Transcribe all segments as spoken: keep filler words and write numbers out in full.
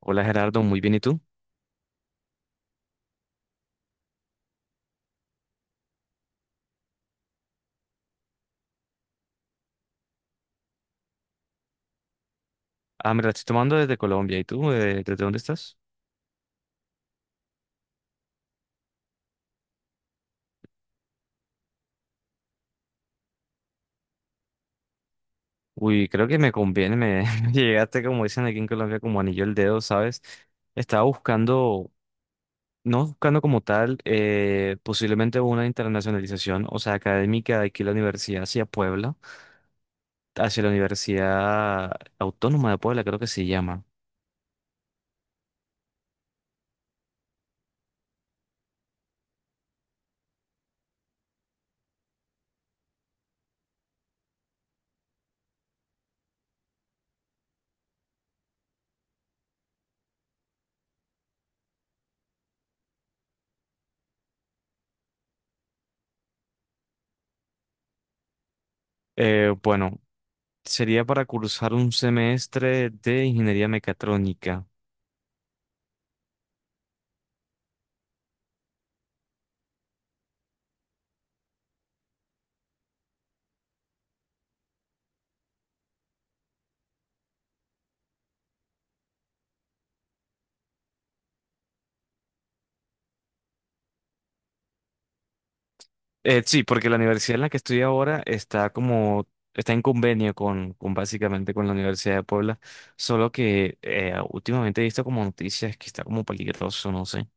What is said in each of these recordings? Hola Gerardo, muy bien, ¿y tú? Ah, me la estoy tomando desde Colombia, ¿y tú? Eh, ¿desde dónde estás? Uy, creo que me conviene, me llegaste, como dicen aquí en Colombia, como anillo al dedo, ¿sabes? Estaba buscando, no buscando como tal, eh, posiblemente una internacionalización, o sea, académica de aquí la universidad hacia Puebla, hacia la Universidad Autónoma de Puebla, creo que se llama. Eh, bueno, sería para cursar un semestre de ingeniería mecatrónica. Eh, sí, porque la universidad en la que estoy ahora está como, está en convenio con, con básicamente con la Universidad de Puebla, solo que eh, últimamente he visto como noticias que está como peligroso, no sé.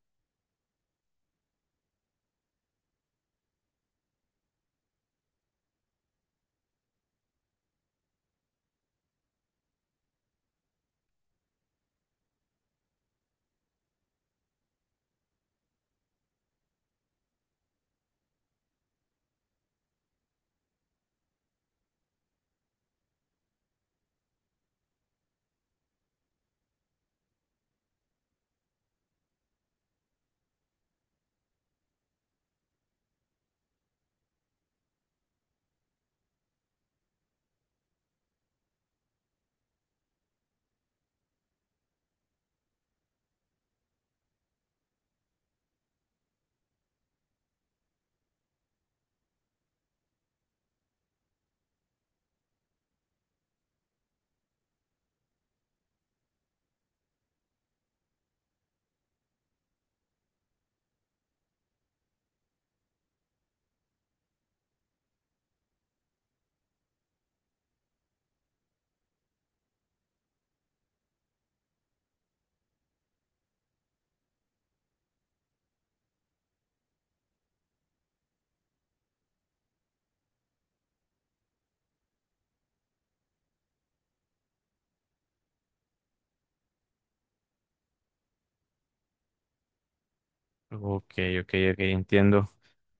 Ok, ok, ok, entiendo.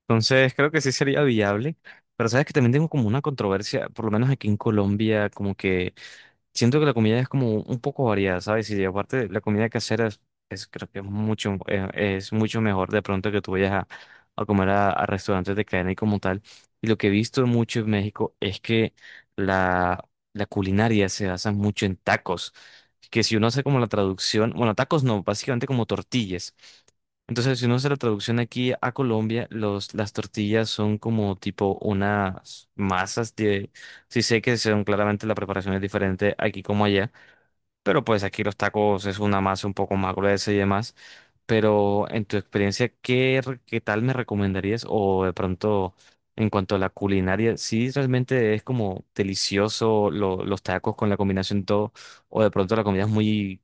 Entonces creo que sí sería viable, pero sabes que también tengo como una controversia, por lo menos aquí en Colombia, como que siento que la comida es como un poco variada, ¿sabes? Y aparte la comida casera es, es- creo que es mucho, eh, es mucho mejor de pronto que tú vayas a, a comer a, a restaurantes de cadena y como tal. Y lo que he visto mucho en México es que la, la culinaria se basa mucho en tacos. Que si uno hace como la traducción, bueno, tacos no, básicamente como tortillas. Entonces, si uno hace la traducción aquí a Colombia, los, las tortillas son como tipo unas masas de... Sí sé que son claramente la preparación es diferente aquí como allá, pero pues aquí los tacos es una masa un poco más gruesa y demás. Pero en tu experiencia, ¿qué, re- qué tal me recomendarías? O de pronto, en cuanto a la culinaria, ¿sí realmente es como delicioso lo- los tacos con la combinación todo? ¿O de pronto la comida es muy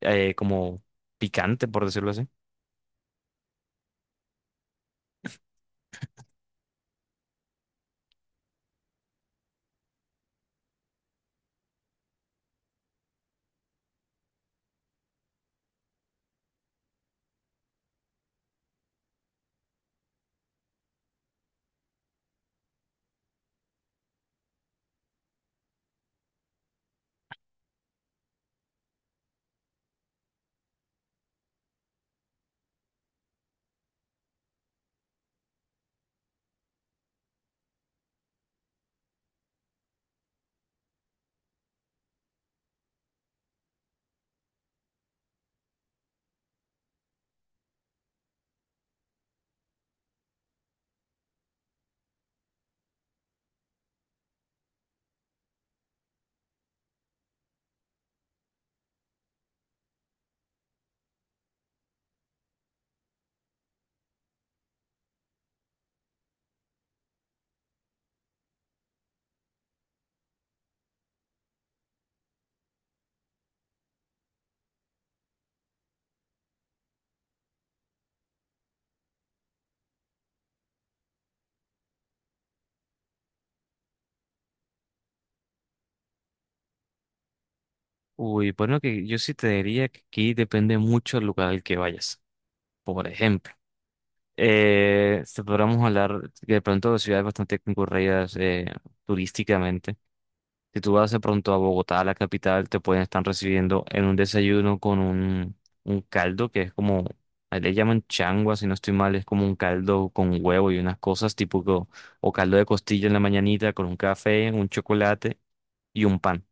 eh, como picante, por decirlo así? Uy, bueno, que yo sí te diría que aquí depende mucho del lugar al que vayas. Por ejemplo, eh, te podríamos hablar que de pronto de ciudades bastante concurridas eh, turísticamente. Si tú vas de pronto a Bogotá, la capital, te pueden estar recibiendo en un desayuno con un, un caldo que es como, ahí le llaman changua, si no estoy mal, es como un caldo con huevo y unas cosas tipo, o caldo de costilla en la mañanita con un café, un chocolate y un pan.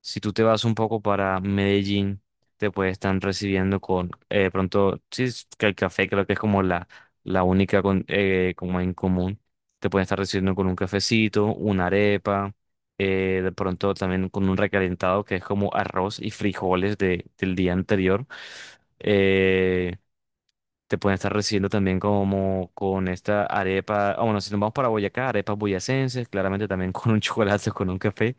Si tú te vas un poco para Medellín, te puede estar recibiendo con, eh, pronto, sí, es que el café creo que es como la, la única con- eh, como en común. Te pueden estar recibiendo con un cafecito, una arepa, eh, de pronto también con un recalentado que es como arroz y frijoles de, del día anterior. Eh, te pueden estar recibiendo también como con esta arepa, ah, bueno, si nos vamos para Boyacá, arepas boyacenses, claramente también con un chocolate, con un café.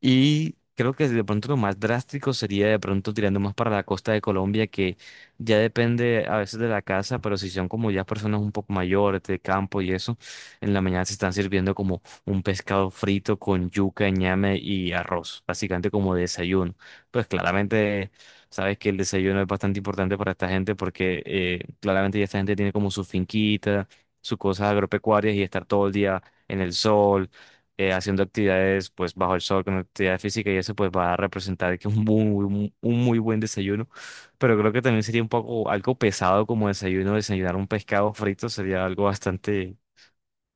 Y creo que de pronto lo más drástico sería de pronto tirando más para la costa de Colombia, que ya depende a veces de la casa, pero si son como ya personas un poco mayores de campo y eso, en la mañana se están sirviendo como un pescado frito con yuca, ñame y arroz, básicamente como desayuno. Pues claramente sabes que el desayuno es bastante importante para esta gente porque eh, claramente ya esta gente tiene como su finquita, sus cosas agropecuarias y estar todo el día en el sol eh, haciendo actividades pues bajo el sol con actividad física y eso pues va a representar que un muy, muy- un muy buen desayuno. Pero creo que también sería un poco algo pesado como desayuno, desayunar un pescado frito sería algo bastante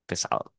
pesado.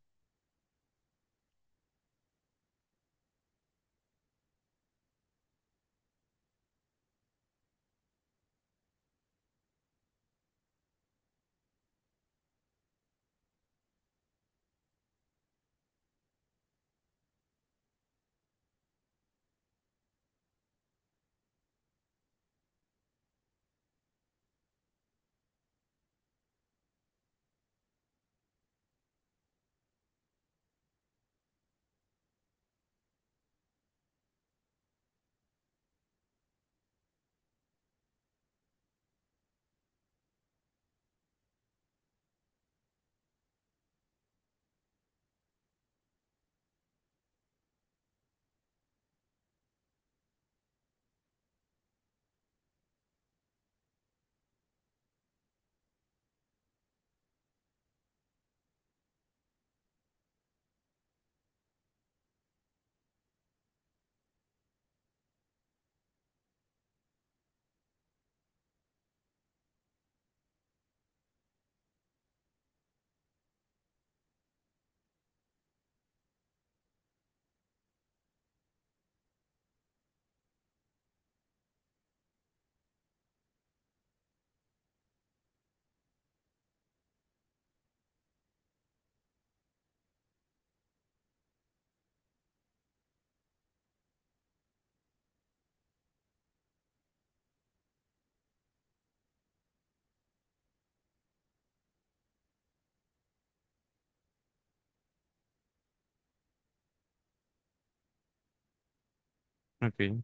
Okay,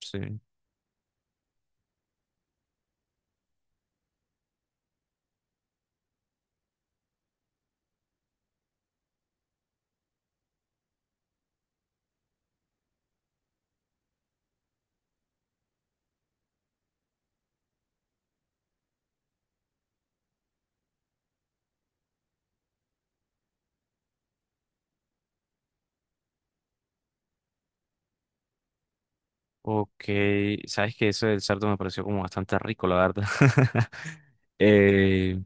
sí. Ok, sabes que eso del cerdo me pareció como bastante rico, la verdad. Eh,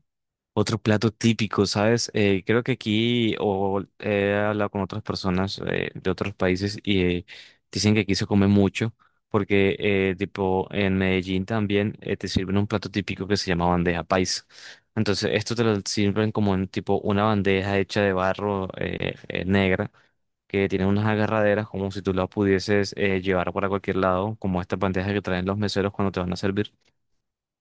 otro plato típico, ¿sabes? Eh, creo que aquí, o he hablado con otras personas eh, de otros países y eh, dicen que aquí se come mucho, porque eh, tipo en Medellín también eh, te sirven un plato típico que se llama bandeja paisa. Entonces, esto te lo sirven como en tipo una bandeja hecha de barro eh, eh, negra, que tiene unas agarraderas como si tú la pudieses eh, llevar para cualquier lado, como estas bandejas que traen los meseros cuando te van a servir.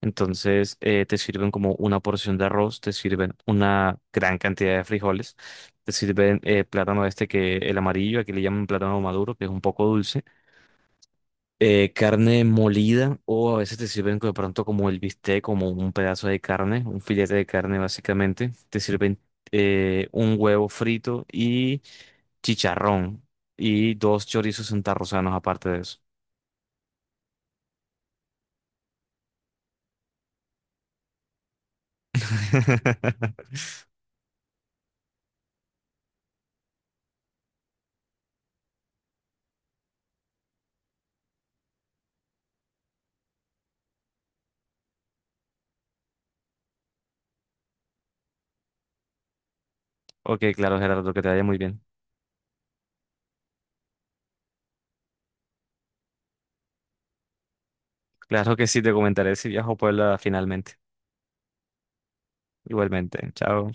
Entonces eh, te sirven como una porción de arroz, te sirven una gran cantidad de frijoles, te sirven eh, plátano este que el amarillo, aquí le llaman plátano maduro, que es un poco dulce, eh, carne molida o a veces te sirven de pronto como el bistec, como un pedazo de carne, un filete de carne básicamente, te sirven eh, un huevo frito y chicharrón y dos chorizos santarrosanos aparte de eso. Ok, claro, Gerardo, que te vaya muy bien. Claro que sí, te comentaré si viajo a Puebla finalmente. Igualmente, chao.